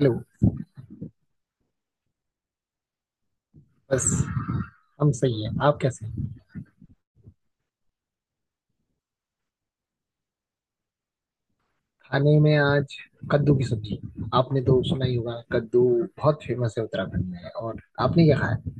Hello. बस हम सही है। आप कैसे हैं? खाने में आज कद्दू की सब्जी। आपने तो सुना ही होगा, कद्दू बहुत फेमस है उत्तराखंड में। और आपने क्या खाया?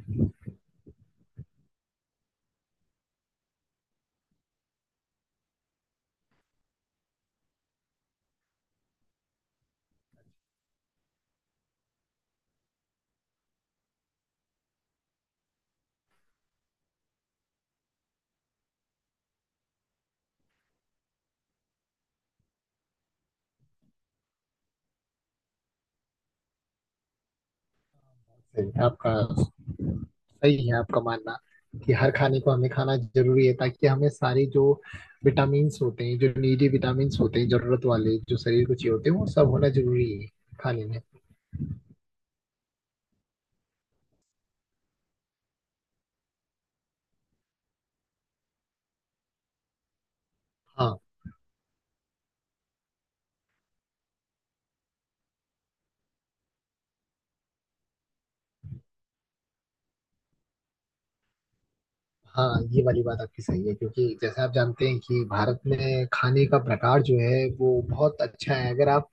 सही, आपका सही है आपका मानना कि हर खाने को हमें खाना जरूरी है, ताकि हमें सारे जो विटामिन्स होते हैं, जो नीडी विटामिन्स होते हैं, जरूरत वाले जो शरीर को चाहिए होते हैं, वो सब होना जरूरी है खाने में। हाँ। हाँ, ये वाली बात आपकी सही है, क्योंकि जैसे आप जानते हैं कि भारत में खाने का प्रकार जो है वो बहुत अच्छा है। अगर आप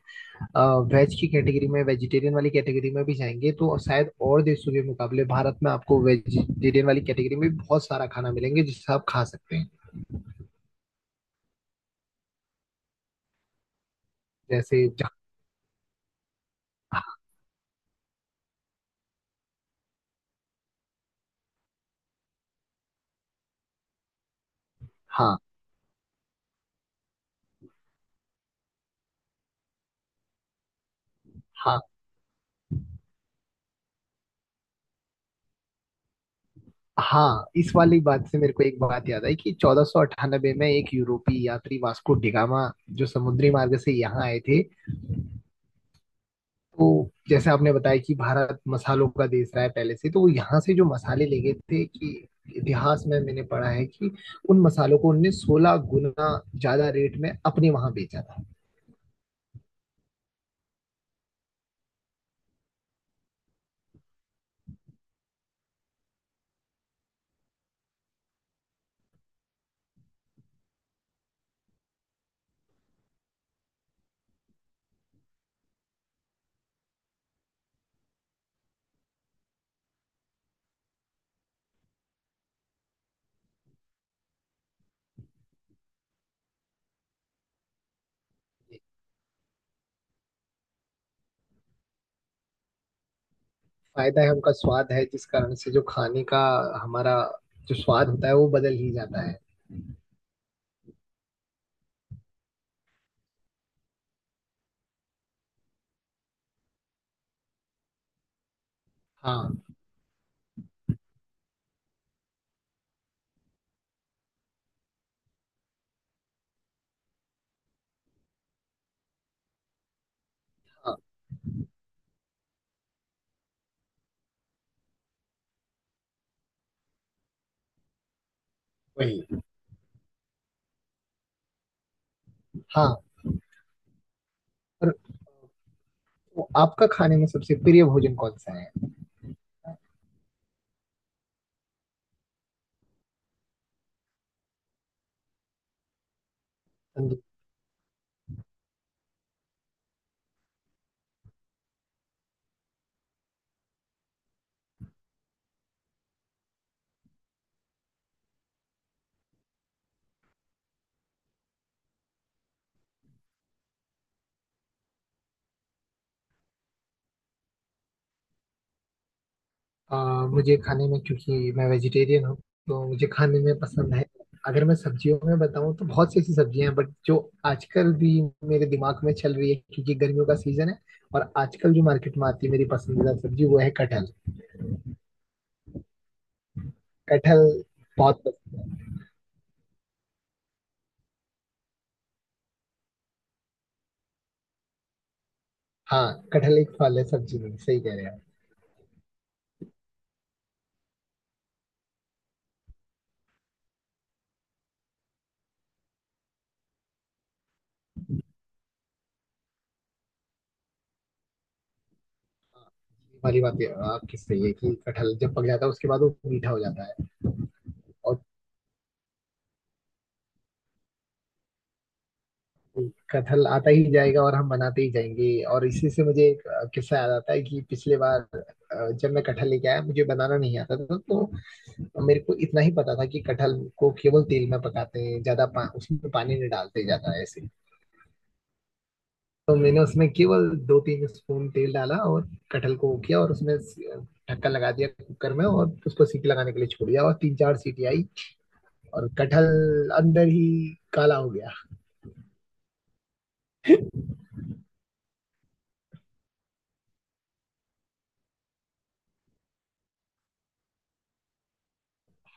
वेज की कैटेगरी में, वेजिटेरियन वाली कैटेगरी में भी जाएंगे तो शायद और देशों के मुकाबले भारत में आपको वेजिटेरियन वाली कैटेगरी में भी बहुत सारा खाना मिलेंगे जिससे आप खा सकते हैं। जैसे ज- हाँ। हाँ। हाँ, इस वाली बात से मेरे को एक बात याद आई कि 1498 में एक यूरोपीय यात्री वास्को डिगामा जो समुद्री मार्ग से यहाँ आए थे। तो जैसे आपने बताया कि भारत मसालों का देश रहा है पहले से, तो वो यहाँ से जो मसाले ले गए थे, कि इतिहास में मैंने पढ़ा है कि उन मसालों को उनने 16 गुना ज्यादा रेट में अपने वहां बेचा था। फायदा है, उनका स्वाद है, जिस कारण से जो खाने का हमारा जो स्वाद होता है वो बदल ही जाता है। हाँ। हाँ। वही। हाँ। और तो आपका खाने में सबसे प्रिय भोजन कौन सा है? मुझे खाने में, क्योंकि मैं वेजिटेरियन हूँ, तो मुझे खाने में पसंद है। अगर मैं सब्जियों में बताऊँ तो बहुत सी ऐसी सब्जियां हैं, बट जो आजकल भी मेरे दिमाग में चल रही है क्योंकि गर्मियों का सीजन है, और आजकल जो मार्केट में आती है मेरी पसंदीदा सब्जी, वो है कटहल। कटहल बहुत पसंद। हाँ, कटहल एक फल है, सब्जी नहीं। सही कह रहे हैं आप। आपकी सही है कि कटहल जब पक जाता है उसके बाद वो मीठा हो जाता है। और कथल आता ही जाएगा और हम बनाते ही जाएंगे। और इसी से मुझे एक किस्सा याद आता है कि पिछले बार जब मैं कटहल लेके आया मुझे बनाना नहीं आता था, तो मेरे को इतना ही पता था कि कटहल को केवल तेल में पकाते हैं ज्यादा, उसमें पानी नहीं डालते ज्यादा ऐसे। तो मैंने उसमें केवल दो तीन स्पून तेल डाला और कटहल को वो किया, और उसमें ढक्कन लगा दिया कुकर में, और उसको सीटी लगाने के लिए छोड़ दिया, और तीन चार सीटी आई और कटहल अंदर ही काला हो गया।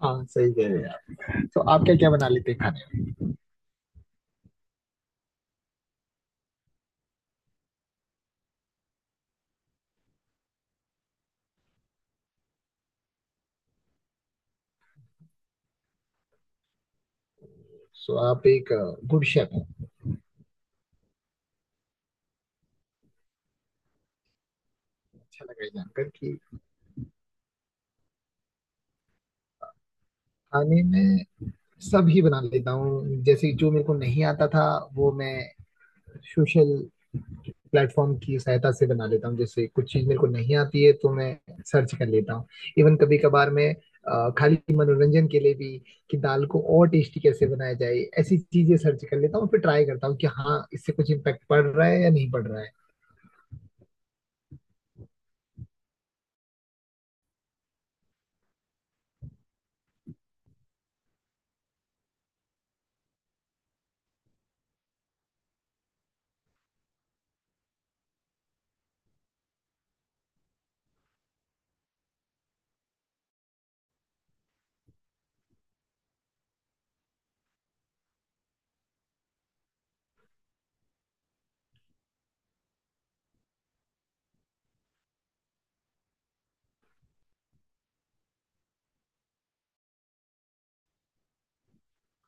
हाँ, सही कह रहे हैं आप। तो आप क्या क्या बना लेते हैं खाने में? सो आप एक गुड शेफ हैं। अच्छा लगा ये जानकर कि खाने में सब ही बना लेता हूँ। जैसे जो मेरे को नहीं आता था वो मैं सोशल प्लेटफॉर्म की सहायता से बना लेता हूँ। जैसे कुछ चीज मेरे को नहीं आती है तो मैं सर्च कर लेता हूँ। इवन कभी कभार मैं खाली मनोरंजन के लिए भी, कि दाल को और टेस्टी कैसे बनाया जाए, ऐसी चीजें सर्च कर लेता हूँ, फिर ट्राई करता हूँ कि हाँ, इससे कुछ इम्पेक्ट पड़ रहा है या नहीं पड़ रहा है।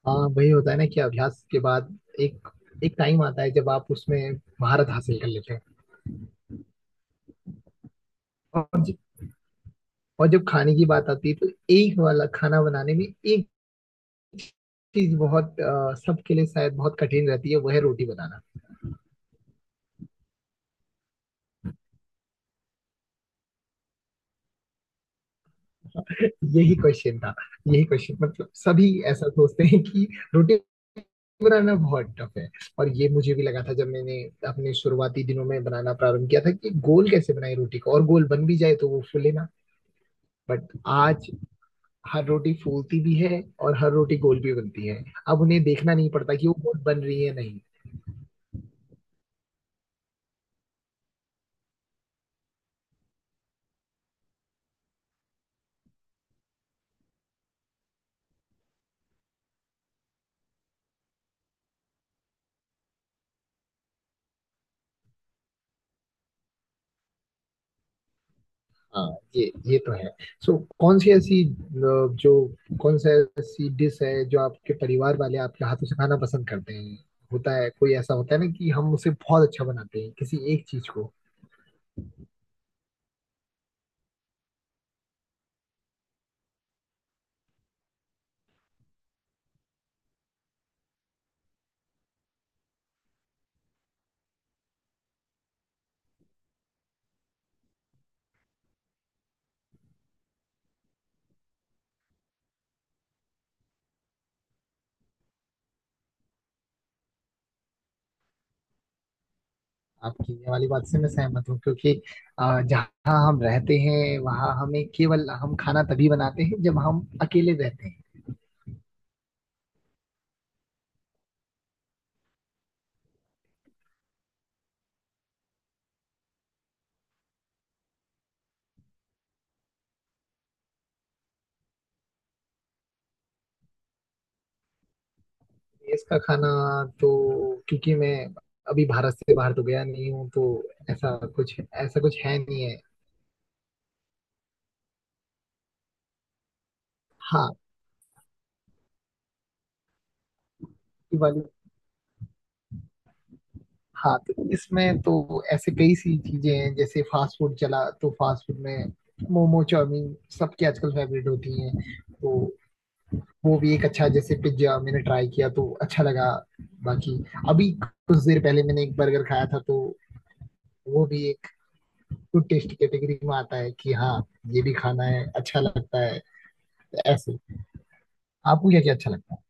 हाँ वही होता है ना कि अभ्यास के बाद एक एक टाइम आता है जब आप उसमें महारत हासिल कर लेते हैं। और ज- और जब खाने की बात आती है तो एक वाला खाना बनाने में एक चीज बहुत, सबके लिए शायद बहुत कठिन रहती है, वो है रोटी बनाना। यही क्वेश्चन था। यही क्वेश्चन, मतलब सभी ऐसा सोचते हैं कि रोटी बनाना बहुत टफ है। और ये मुझे भी लगा था जब मैंने अपने शुरुआती दिनों में बनाना प्रारंभ किया था, कि गोल कैसे बनाए रोटी को, और गोल बन भी जाए तो वो फूले ना। बट आज हर रोटी फूलती भी है और हर रोटी गोल भी बनती है। अब उन्हें देखना नहीं पड़ता कि वो गोल बन रही है नहीं। हाँ, ये तो है। सो, कौन सी ऐसी जो कौन सा ऐसी डिश है जो आपके परिवार वाले आपके हाथों से खाना पसंद करते हैं? होता है कोई ऐसा होता है ना कि हम उसे बहुत अच्छा बनाते हैं किसी एक चीज को। आपकी ये वाली बात से मैं सहमत हूँ, क्योंकि जहाँ हम रहते हैं वहाँ हमें केवल, हम खाना तभी बनाते हैं जब हम अकेले रहते हैं। देश का खाना, तो क्योंकि मैं अभी भारत से बाहर तो गया नहीं हूँ, तो ऐसा कुछ, ऐसा कुछ है नहीं है। हाँ। दिवाली। हाँ, तो इसमें तो ऐसे कई सी चीजें हैं, जैसे फास्ट फूड चला तो फास्ट फूड में मोमो चाउमीन सबकी आजकल फेवरेट होती हैं, तो वो भी एक अच्छा। जैसे पिज्जा मैंने ट्राई किया तो अच्छा लगा। बाकी अभी कुछ देर पहले मैंने एक बर्गर खाया था, तो वो भी एक गुड टेस्ट कैटेगरी में आता है, कि हाँ, ये भी खाना है, अच्छा लगता है ऐसे। आपको क्या क्या अच्छा लगता है?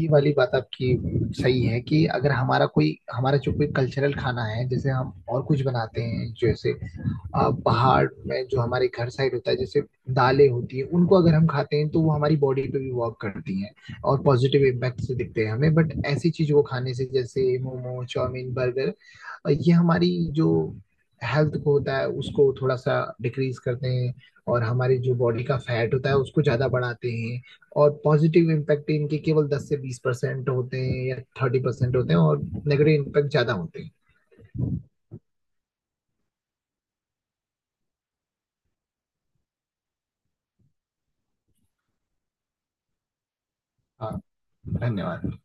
ये वाली बात आपकी सही है, कि अगर हमारा कोई, हमारा जो कोई कल्चरल खाना है, जैसे हम और कुछ बनाते हैं जैसे पहाड़ में जो हमारे घर साइड होता है जैसे दालें होती है, उनको अगर हम खाते हैं तो वो हमारी बॉडी पे भी वर्क करती हैं और पॉजिटिव इम्पैक्ट से दिखते हैं हमें। बट ऐसी चीजों को खाने से, जैसे मोमो चाउमीन बर्गर, ये हमारी जो हेल्थ को होता है उसको थोड़ा सा डिक्रीज करते हैं, और हमारी जो बॉडी का फैट होता है उसको ज्यादा बढ़ाते हैं। और पॉजिटिव इम्पैक्ट इनके केवल 10 से 20% होते हैं या 30% होते हैं, और नेगेटिव इम्पैक्ट ज्यादा होते हैं। हाँ, धन्यवाद।